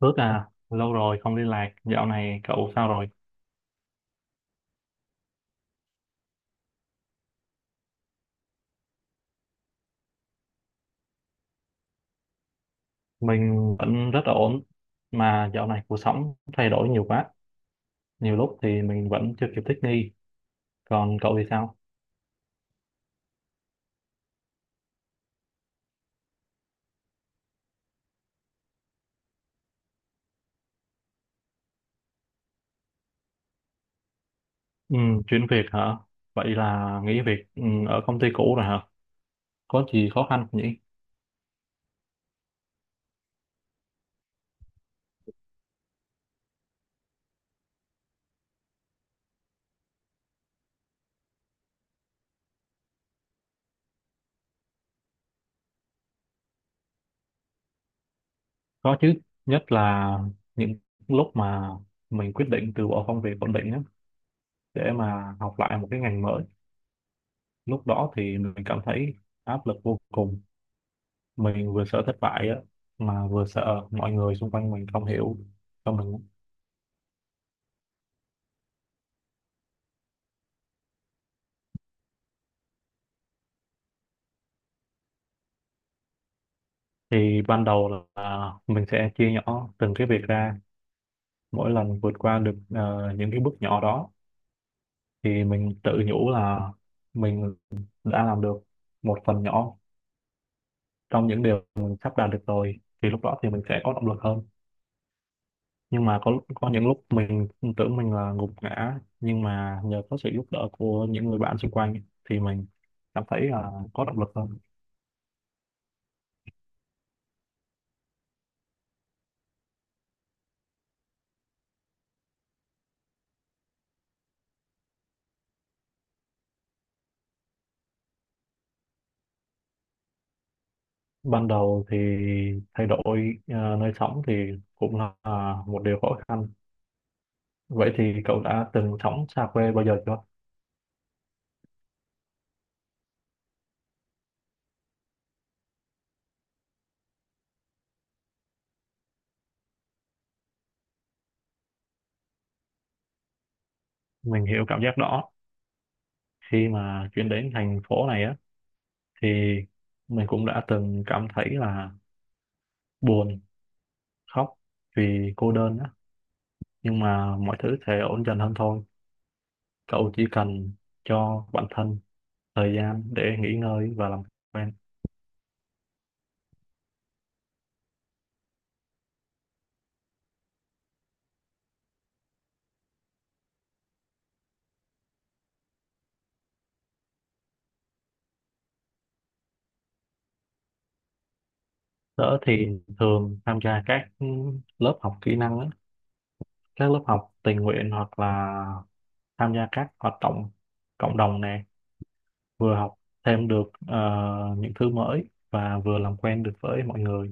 Lâu rồi không liên lạc, dạo này cậu sao rồi? Mình vẫn rất là ổn, mà dạo này cuộc sống thay đổi nhiều quá, nhiều lúc thì mình vẫn chưa kịp thích nghi. Còn cậu thì sao? Ừ, chuyển việc hả? Vậy là nghỉ việc ở công ty cũ rồi hả? Có gì khó khăn không nhỉ? Có chứ, nhất là những lúc mà mình quyết định từ bỏ công việc ổn định á, để mà học lại một cái ngành mới. Lúc đó thì mình cảm thấy áp lực vô cùng, mình vừa sợ thất bại á mà vừa sợ mọi người xung quanh mình không hiểu cho mình. Thì ban đầu là mình sẽ chia nhỏ từng cái việc ra, mỗi lần vượt qua được những cái bước nhỏ đó thì mình tự nhủ là mình đã làm được một phần nhỏ trong những điều mình sắp đạt được rồi, thì lúc đó thì mình sẽ có động lực hơn. Nhưng mà có những lúc mình tưởng mình là gục ngã, nhưng mà nhờ có sự giúp đỡ của những người bạn xung quanh thì mình cảm thấy là có động lực hơn. Ban đầu thì thay đổi nơi sống thì cũng là một điều khó khăn. Vậy thì cậu đã từng sống xa quê bao giờ chưa? Mình hiểu cảm giác đó, khi mà chuyển đến thành phố này á thì mình cũng đã từng cảm thấy là buồn, khóc vì cô đơn á, nhưng mà mọi thứ sẽ ổn dần hơn thôi. Cậu chỉ cần cho bản thân thời gian để nghỉ ngơi và làm quen. Tớ thì thường tham gia các lớp học kỹ năng á, các lớp học tình nguyện hoặc là tham gia các hoạt động cộng đồng nè, vừa học thêm được những thứ mới và vừa làm quen được với mọi người.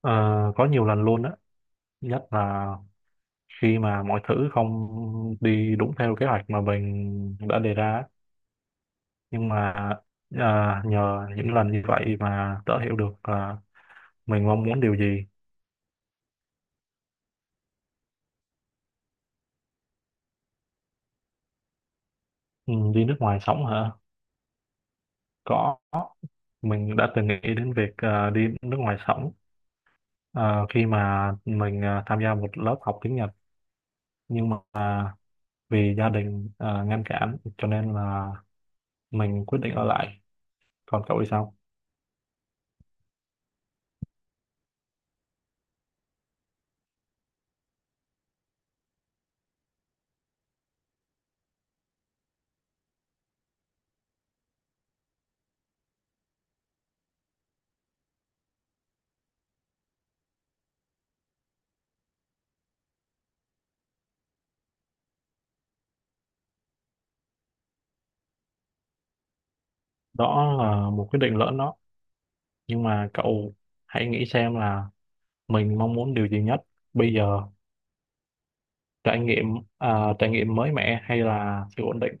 Ờ, có nhiều lần luôn á, nhất là khi mà mọi thứ không đi đúng theo kế hoạch mà mình đã đề ra á. Nhưng mà ờ, nhờ những lần như vậy mà tớ hiểu được là mình mong muốn điều gì. Ừ, đi nước ngoài sống hả, có, mình đã từng nghĩ đến việc đi nước ngoài sống. Ờ, khi mà mình tham gia một lớp học tiếng Nhật, nhưng mà vì gia đình ngăn cản cho nên là mình quyết định ở lại. Còn cậu thì sao? Đó là một quyết định lỡ đó. Nhưng mà cậu hãy nghĩ xem là mình mong muốn điều gì nhất bây giờ, trải nghiệm trải nghiệm mới mẻ hay là sự ổn định.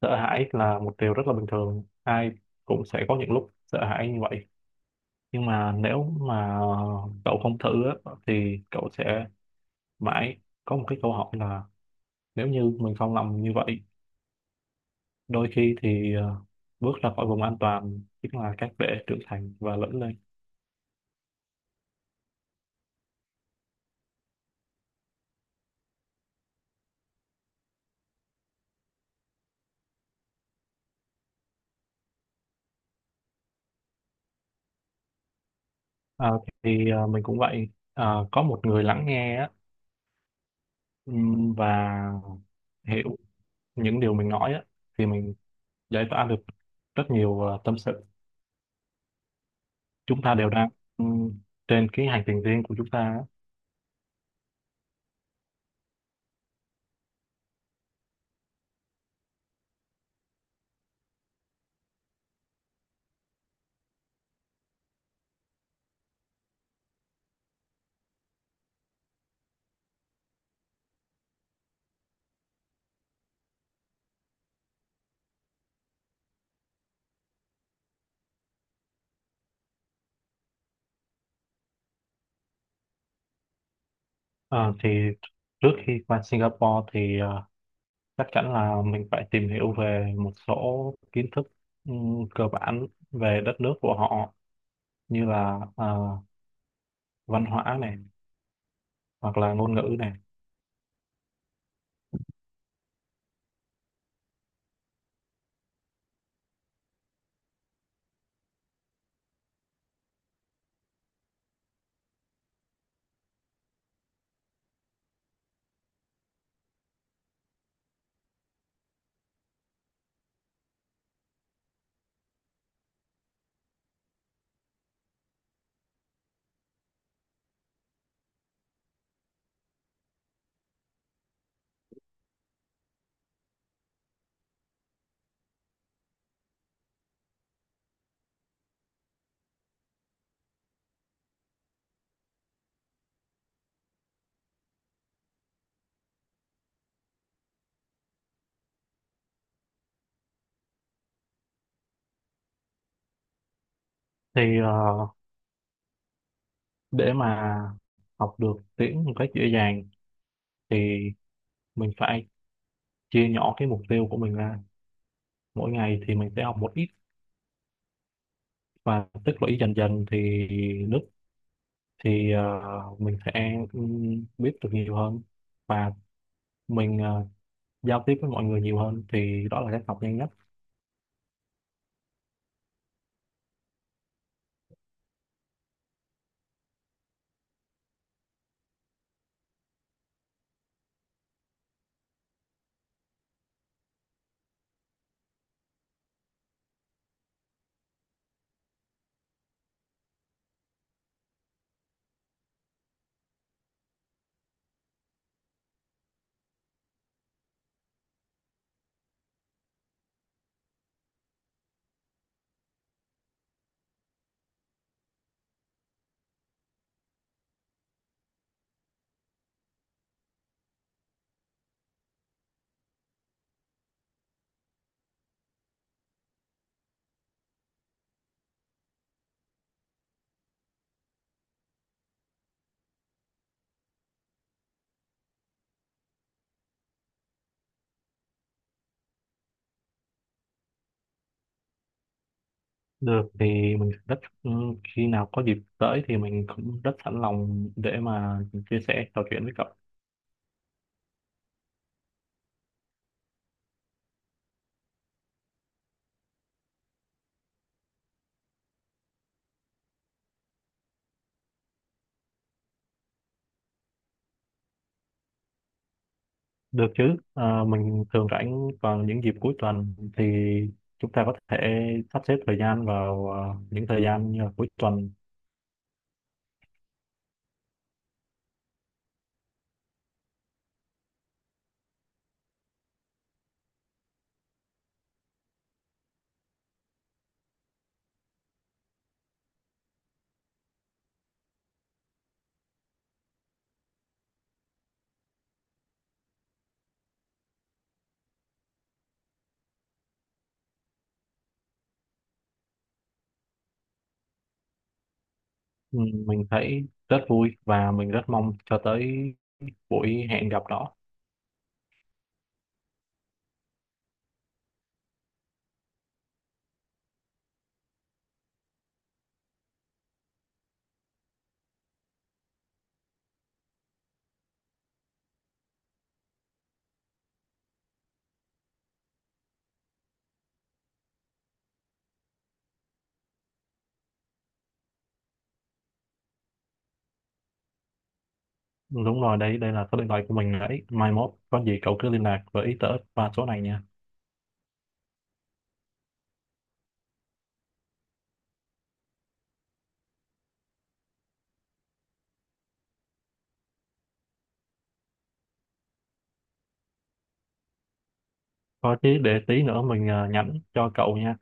Sợ hãi là một điều rất là bình thường. Ai cũng sẽ có những lúc sợ hãi như vậy. Nhưng mà nếu mà cậu không thử á, thì cậu sẽ mãi có một cái câu hỏi là nếu như mình không làm như vậy. Đôi khi thì bước ra khỏi vùng an toàn chính là cách để trưởng thành và lớn lên. Ờ, thì mình cũng vậy. Ờ, có một người lắng nghe á, và hiểu những điều mình nói á, thì mình giải tỏa được rất nhiều tâm sự. Chúng ta đều đang ừm, trên cái hành trình riêng của chúng ta á. Ờ, thì trước khi qua Singapore thì chắc chắn là mình phải tìm hiểu về một số kiến thức cơ bản về đất nước của họ, như là văn hóa này hoặc là ngôn ngữ này. Thì để mà học được tiếng một cách dễ dàng thì mình phải chia nhỏ cái mục tiêu của mình ra, mỗi ngày thì mình sẽ học một ít và tích lũy dần dần, thì nước thì mình sẽ biết được nhiều hơn và mình giao tiếp với mọi người nhiều hơn, thì đó là cách học nhanh nhất. Được, thì mình rất ừ, khi nào có dịp tới thì mình cũng rất sẵn lòng để mà chia sẻ trò chuyện với cậu. Được chứ. Ờ, mình thường rảnh vào những dịp cuối tuần, thì chúng ta có thể sắp xếp thời gian vào những thời gian như là cuối tuần. Ừ, mình thấy rất vui và mình rất mong cho tới buổi hẹn gặp đó. Đúng rồi, đấy, đây là số điện thoại của mình đấy. Mai mốt có gì cậu cứ liên lạc với tớ qua số này nha. Có chứ, để tí nữa mình nhắn cho cậu nha.